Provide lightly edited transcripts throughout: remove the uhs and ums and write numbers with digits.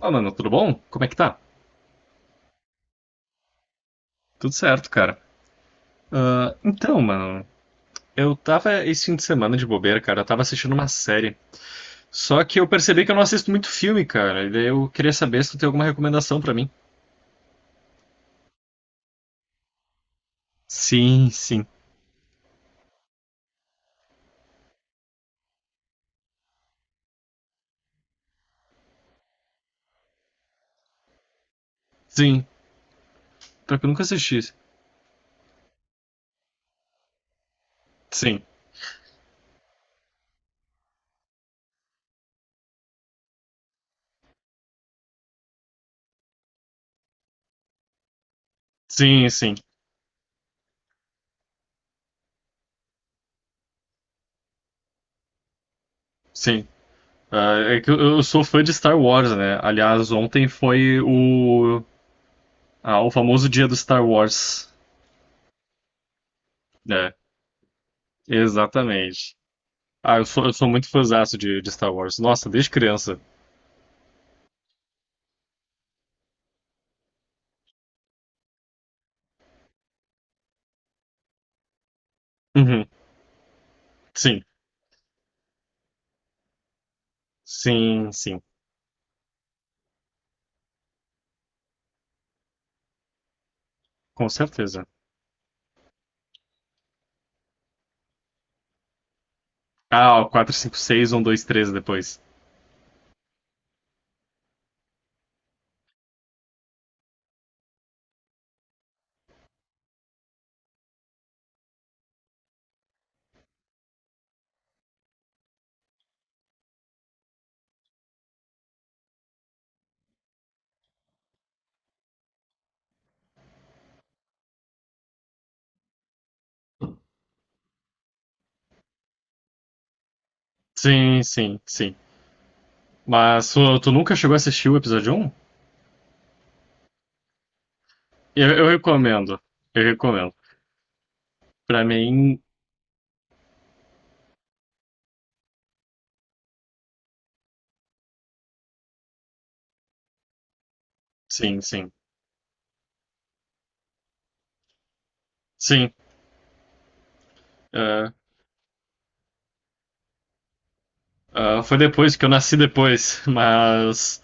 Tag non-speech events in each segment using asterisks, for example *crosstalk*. Ó, mano, tudo bom? Como é que tá? Tudo certo, cara. Ah, então, mano, eu tava esse fim de semana de bobeira, cara. Eu tava assistindo uma série. Só que eu percebi que eu não assisto muito filme, cara. E daí eu queria saber se tu tem alguma recomendação pra mim. Sim, sim. Sim. Pior que eu nunca assisti. Sim. Sim, sim. Sim. Ah, é que eu sou fã de Star Wars, né? Aliás, ontem foi o. Ah, o famoso dia do Star Wars. É, exatamente. Ah, eu sou muito fãzaço de Star Wars. Nossa, desde criança. Uhum. Sim, sim, sim, com certeza. Ah, o quatro, cinco, seis, um, dois, três depois. Sim, sim, sim. Mas tu nunca chegou a assistir o episódio um. Eu, eu recomendo, eu recomendo. Pra mim, sim, sim, sim. É, foi depois que eu nasci depois, *laughs* mas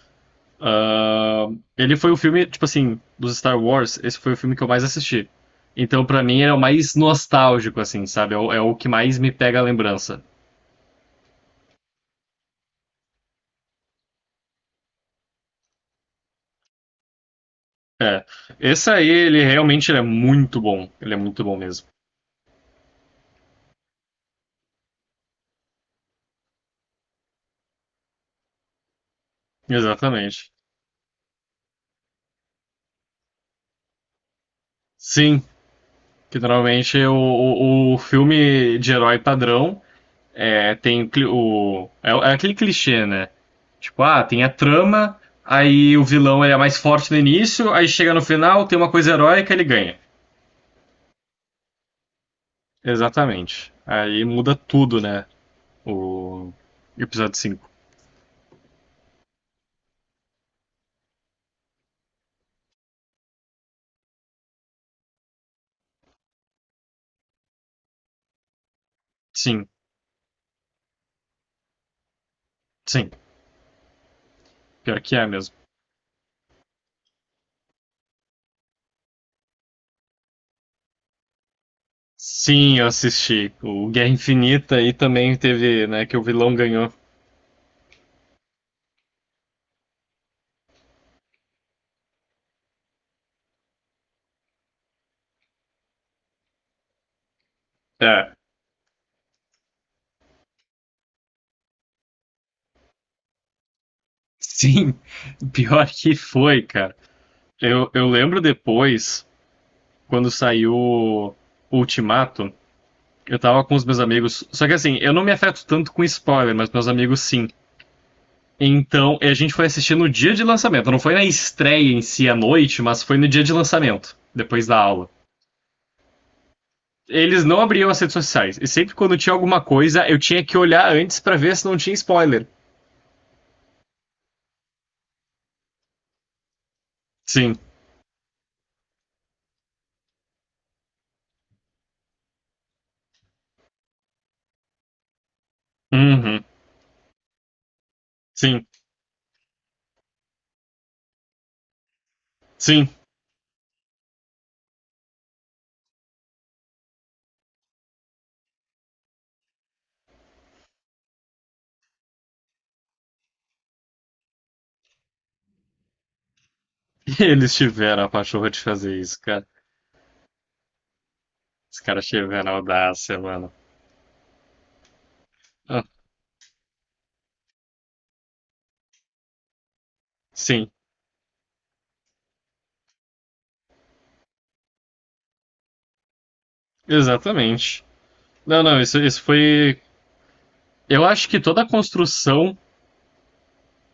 ah, ele foi o filme, tipo assim, dos Star Wars, esse foi o filme que eu mais assisti. Então, pra mim, ele é o mais nostálgico, assim, sabe? É o que mais me pega a lembrança. É. Esse aí, ele realmente ele é muito bom. Ele é muito bom mesmo. Exatamente. Sim, que normalmente o filme de herói padrão é, tem o, o. É, aquele clichê, né? Tipo, tem a trama, aí o vilão ele é mais forte no início, aí chega no final, tem uma coisa heróica ele ganha. Exatamente. Aí muda tudo, né? O episódio 5. Sim, sim. Pior que é mesmo. Sim, eu assisti. O Guerra Infinita aí também teve, né, que o vilão ganhou. É, sim, *laughs* pior que foi, cara. Eu lembro depois, quando saiu Ultimato, eu tava com os meus amigos. Só que assim, eu não me afeto tanto com spoiler, mas meus amigos sim. Então, a gente foi assistir no dia de lançamento. Não foi na estreia em si à noite, mas foi no dia de lançamento, depois da aula. Eles não abriam as redes sociais. E sempre quando tinha alguma coisa, eu tinha que olhar antes para ver se não tinha spoiler. Sim. Uhum. Sim. Sim. *laughs* Eles tiveram a pachorra de fazer isso, cara. Os caras tiveram a audácia, mano. Ah, sim, exatamente. Não, não, isso foi. Eu acho que toda a construção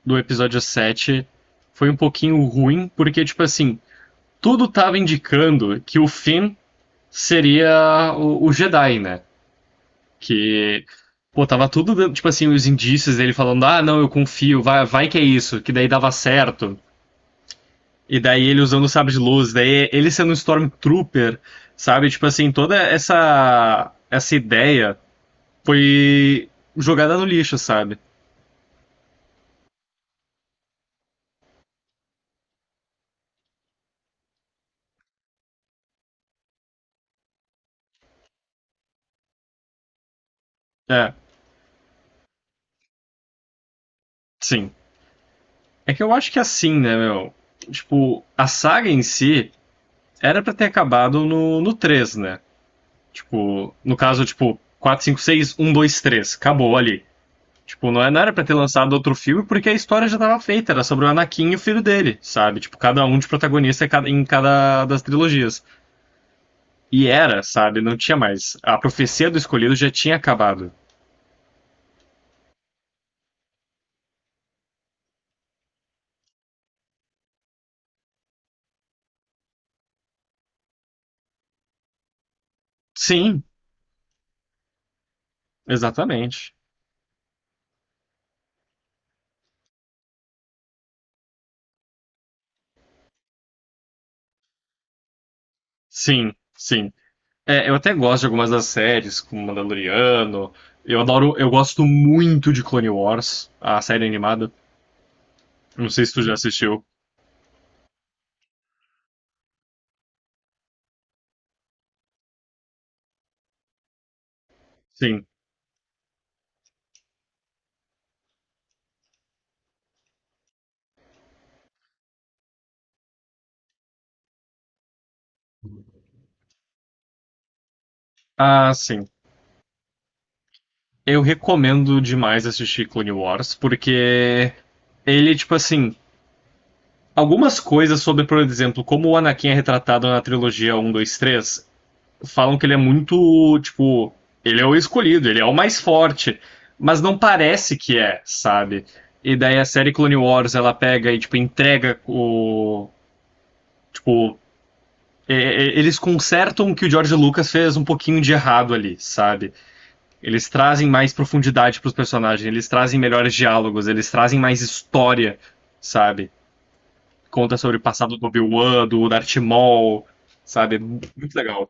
do episódio 7 foi um pouquinho ruim, porque, tipo assim, tudo tava indicando que o Finn seria o Jedi, né? Que. Pô, tava tudo, dando, tipo assim, os indícios dele falando, ah, não, eu confio, vai, vai que é isso, que daí dava certo. E daí ele usando o sabre de luz, daí ele sendo um Stormtrooper, sabe? Tipo assim, toda essa ideia foi jogada no lixo, sabe? É, sim. É que eu acho que é assim, né, meu? Tipo, a saga em si era pra ter acabado no três, né? Tipo, no caso, tipo, quatro, cinco, seis, um, dois, três. Acabou ali. Tipo, não era pra ter lançado outro filme porque a história já tava feita. Era sobre o Anakin e o filho dele, sabe? Tipo, cada um de protagonista em cada das trilogias. E era, sabe? Não tinha mais. A profecia do escolhido já tinha acabado. Sim, exatamente. Sim, sim. É, eu até gosto de algumas das séries, como Mandaloriano. Eu adoro, eu gosto muito de Clone Wars, a série animada. Não sei se tu já assistiu. Sim. Ah, sim. Eu recomendo demais assistir Clone Wars, porque ele, tipo assim, algumas coisas sobre, por exemplo, como o Anakin é retratado na trilogia um, 2, 3. Falam que ele é muito, tipo, ele é o escolhido, ele é o mais forte, mas não parece que é, sabe? E daí a série Clone Wars, ela pega e, tipo, entrega o. Tipo, eles consertam o que o George Lucas fez um pouquinho de errado ali, sabe? Eles trazem mais profundidade pros personagens, eles trazem melhores diálogos, eles trazem mais história, sabe? Conta sobre o passado do Obi-Wan, do Darth Maul, sabe? Muito legal.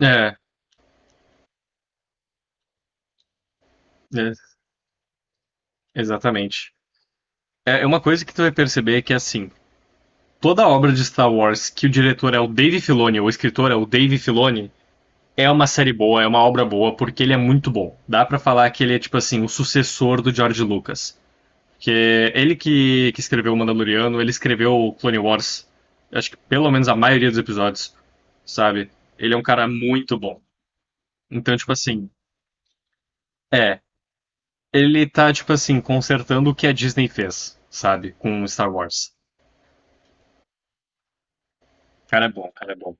É, é, exatamente. É uma coisa que tu vai perceber que, assim, toda obra de Star Wars que o diretor é o Dave Filoni, ou o escritor é o Dave Filoni, é uma série boa, é uma obra boa, porque ele é muito bom. Dá pra falar que ele é, tipo assim, o sucessor do George Lucas. Que ele que escreveu o Mandaloriano, ele escreveu o Clone Wars. Acho que pelo menos a maioria dos episódios, sabe? Ele é um cara muito bom. Então, tipo assim, é. Ele tá, tipo assim, consertando o que a Disney fez, sabe? Com Star Wars. O cara é bom, o cara é bom.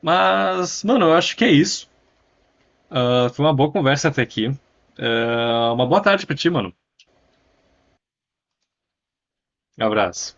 Mas, mano, eu acho que é isso. Ah, foi uma boa conversa até aqui. Ah, uma boa tarde pra ti, mano. Um abraço.